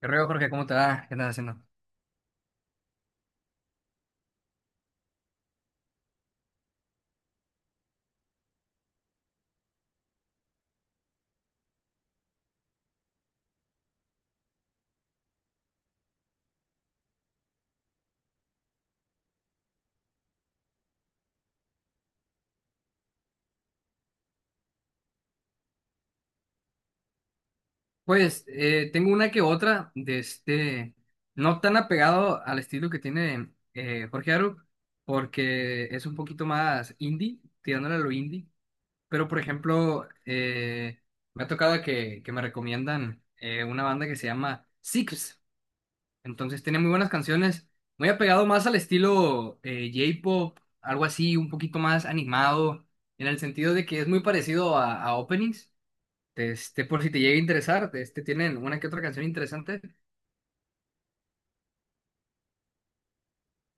¿Qué rollo, Jorge? ¿Cómo te va? ¿Qué andas haciendo? Pues tengo una que otra de este, no tan apegado al estilo que tiene Jorge Aru, porque es un poquito más indie, tirándole a lo indie. Pero, por ejemplo, me ha tocado que me recomiendan una banda que se llama Six. Entonces tiene muy buenas canciones, muy apegado más al estilo J-pop, algo así, un poquito más animado, en el sentido de que es muy parecido a openings. Este, por si te llega a interesar, este, tienen una que otra canción interesante.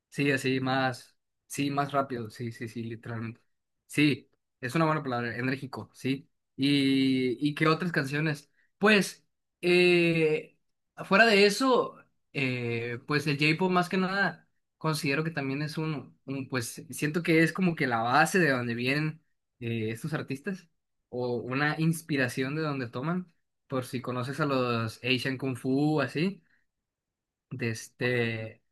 Sí, así más, sí, más rápido, sí, sí, sí, literalmente. Sí, es una buena palabra, enérgico, sí. ¿Y qué otras canciones? Pues, eh, fuera de eso, pues el J-pop más que nada, considero que también es pues siento que es como que la base de donde vienen estos artistas, o una inspiración de donde toman, por si conoces a los Asian Kung Fu, así, de este,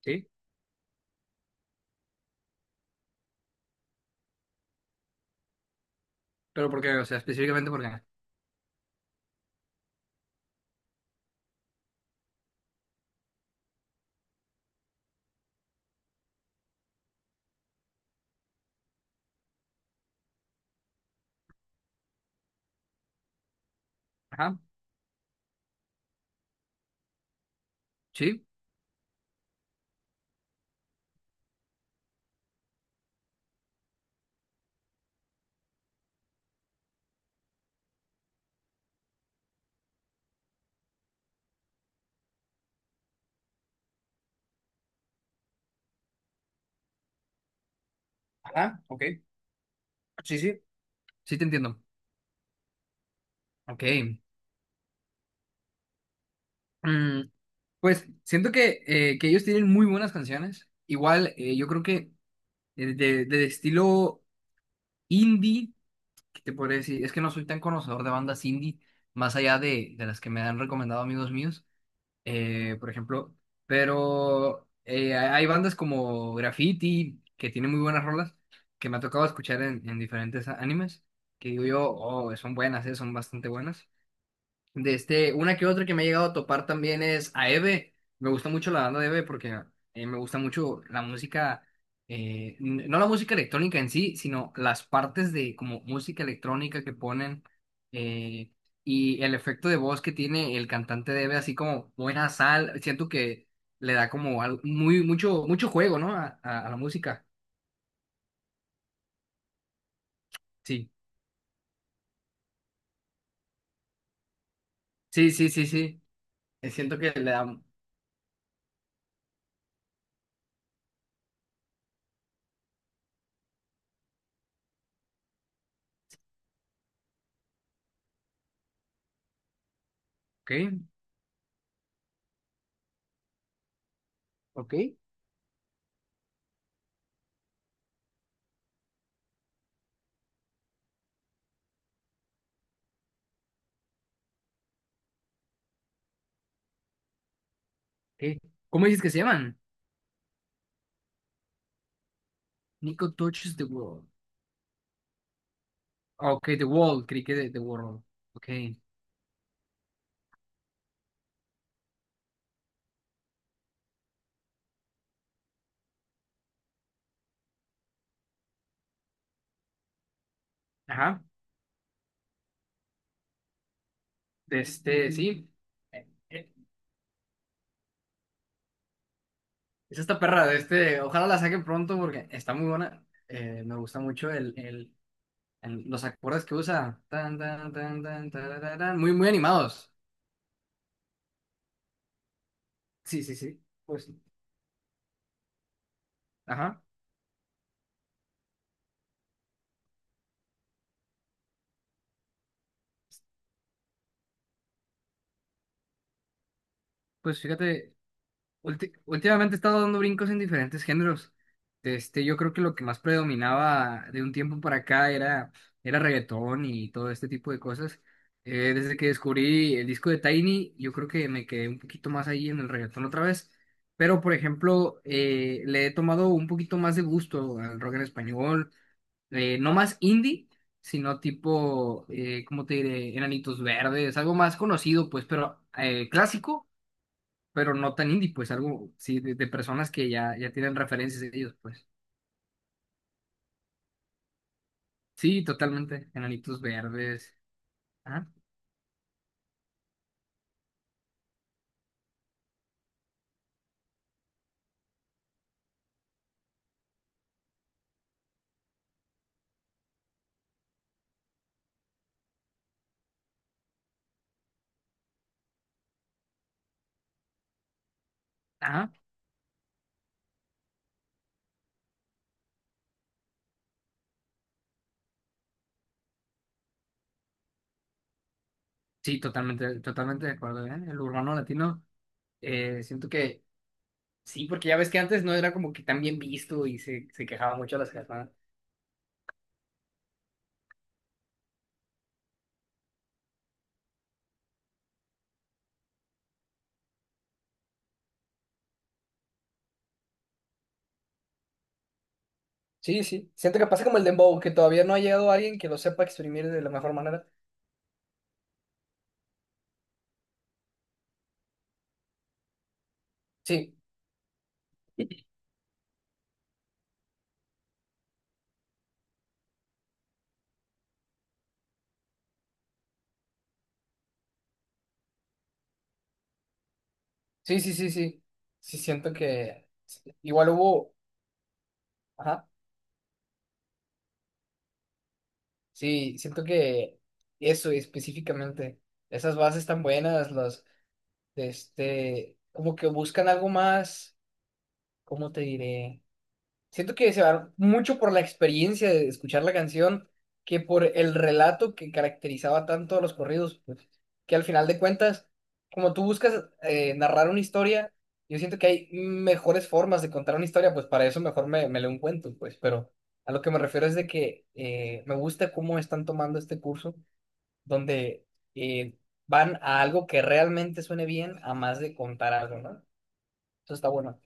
sí, pero porque, o sea, específicamente porque... Ajá, sí, ajá, ok. Sí, sí, sí, te entiendo. Ok. Mm, pues siento que ellos tienen muy buenas canciones. Igual, yo creo que de estilo indie, que te podría decir, es que no soy tan conocedor de bandas indie, más allá de las que me han recomendado amigos míos, por ejemplo. Pero hay bandas como Graffiti, que tienen muy buenas rolas, que me ha tocado escuchar en diferentes animes, que digo yo, oh, son buenas, son bastante buenas. De este, una que otra que me ha llegado a topar también es a Eve. Me gusta mucho la banda de Eve porque me gusta mucho la música, no la música electrónica en sí, sino las partes de como música electrónica que ponen, eh, y el efecto de voz que tiene el cantante de Eve, así como buena sal. Siento que le da como muy, mucho, mucho juego, ¿no? A la música. Sí, sí, sí, sí, sí. Siento que le da. Ok, ok, ok. ¿Cómo dices que se llaman? Nico Touches the World. Ah, ok, The Wall, creí que de The World. Ok. Ajá. De este, sí. Eh, eh, Es esta perra de este. Ojalá la saquen pronto porque está muy buena. Me gusta mucho los acordes que usa. Tan, tan, tan, tan, tarararán. Muy, muy animados. Sí, sí, sí. Pues, ajá. Pues fíjate. Últimamente he estado dando brincos en diferentes géneros. Este, yo creo que lo que más predominaba de un tiempo para acá era reggaetón y todo este tipo de cosas. Desde que descubrí el disco de Tiny, yo creo que me quedé un poquito más ahí en el reggaetón otra vez. Pero, por ejemplo, le he tomado un poquito más de gusto al rock en español. No más indie, sino tipo, ¿cómo te diré? Enanitos Verdes, algo más conocido, pues, pero clásico, pero no tan indie, pues algo, sí, de personas que ya tienen referencias de ellos, pues. Sí, totalmente, Enanitos Verdes. Ah, ah, sí, totalmente, totalmente de acuerdo, ¿eh? El urbano latino, siento que sí, porque ya ves que antes no era como que tan bien visto y se quejaba mucho a las personas. Sí, sí. Siento que pasa como el dembow, que todavía no ha llegado alguien que lo sepa exprimir de la mejor manera. Sí, sí, sí, sí, sí. Sí, siento que igual hubo. Ajá. Sí, siento que eso específicamente, esas bases tan buenas, los de este, como que buscan algo más, ¿cómo te diré? Siento que se va mucho por la experiencia de escuchar la canción que por el relato que caracterizaba tanto a los corridos, pues, que al final de cuentas, como tú buscas narrar una historia, yo siento que hay mejores formas de contar una historia, pues para eso mejor me leo un cuento, pues, pero a lo que me refiero es de que me gusta cómo están tomando este curso donde eh, van a algo que realmente suene bien a más de contar algo, ¿no? Eso está bueno.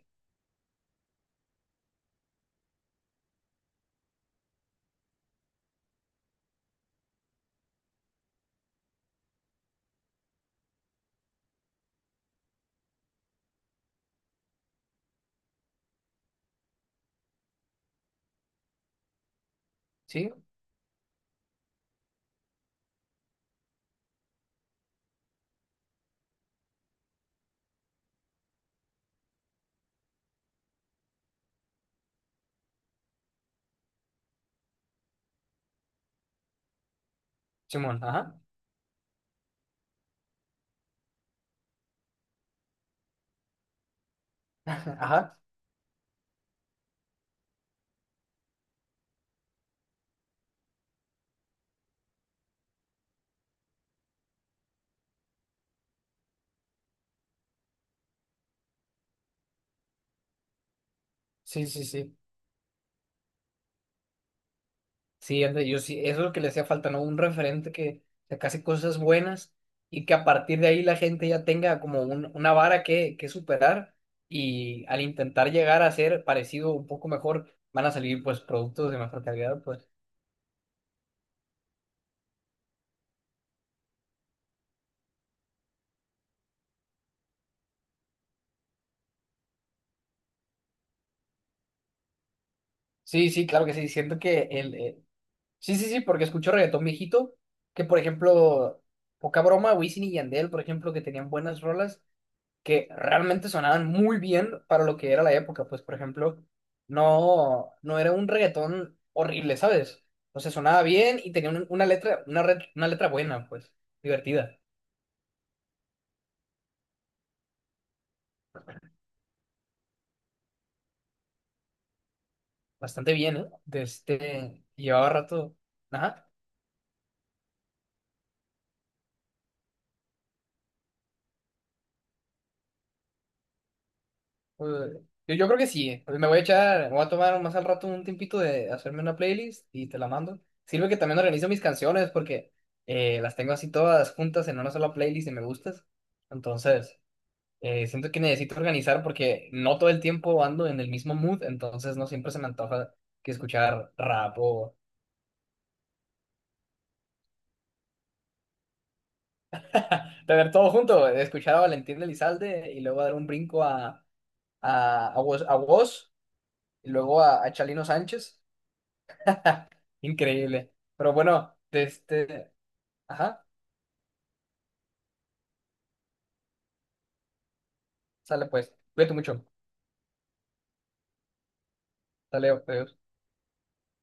¿Sí? Simón, ajá. Ajá. Sí, sí, sí. Sí, anda, yo sí, eso es lo que le hacía falta, ¿no? Un referente que sacase cosas buenas y que a partir de ahí la gente ya tenga como una vara que superar, y al intentar llegar a ser parecido un poco mejor, van a salir pues productos de mejor calidad, pues. Sí, sí, claro que sí. Sí, sí, sí, porque escucho reggaetón viejito, que por ejemplo, poca broma, Wisin y Yandel, por ejemplo, que tenían buenas rolas que realmente sonaban muy bien para lo que era la época, pues por ejemplo, no, no era un reggaetón horrible, ¿sabes? O sea, sonaba bien y tenía una letra, una letra buena, pues, divertida, bastante bien, ¿eh? De este, llevaba rato, ajá. Eh, yo creo que sí. Me voy a echar, me voy a tomar más al rato un tiempito de hacerme una playlist y te la mando. Sirve que también organizo mis canciones porque las tengo así todas juntas en una sola playlist de me gustas. Entonces, siento que necesito organizar porque no todo el tiempo ando en el mismo mood, entonces no siempre se me antoja que escuchar rap o tener todo junto. He escuchado a Valentín Elizalde y luego dar un brinco a Woz, y luego a Chalino Sánchez. Ja, increíble. Pero bueno, de este, ajá, sale pues. Cuídate mucho. Sale, adiós.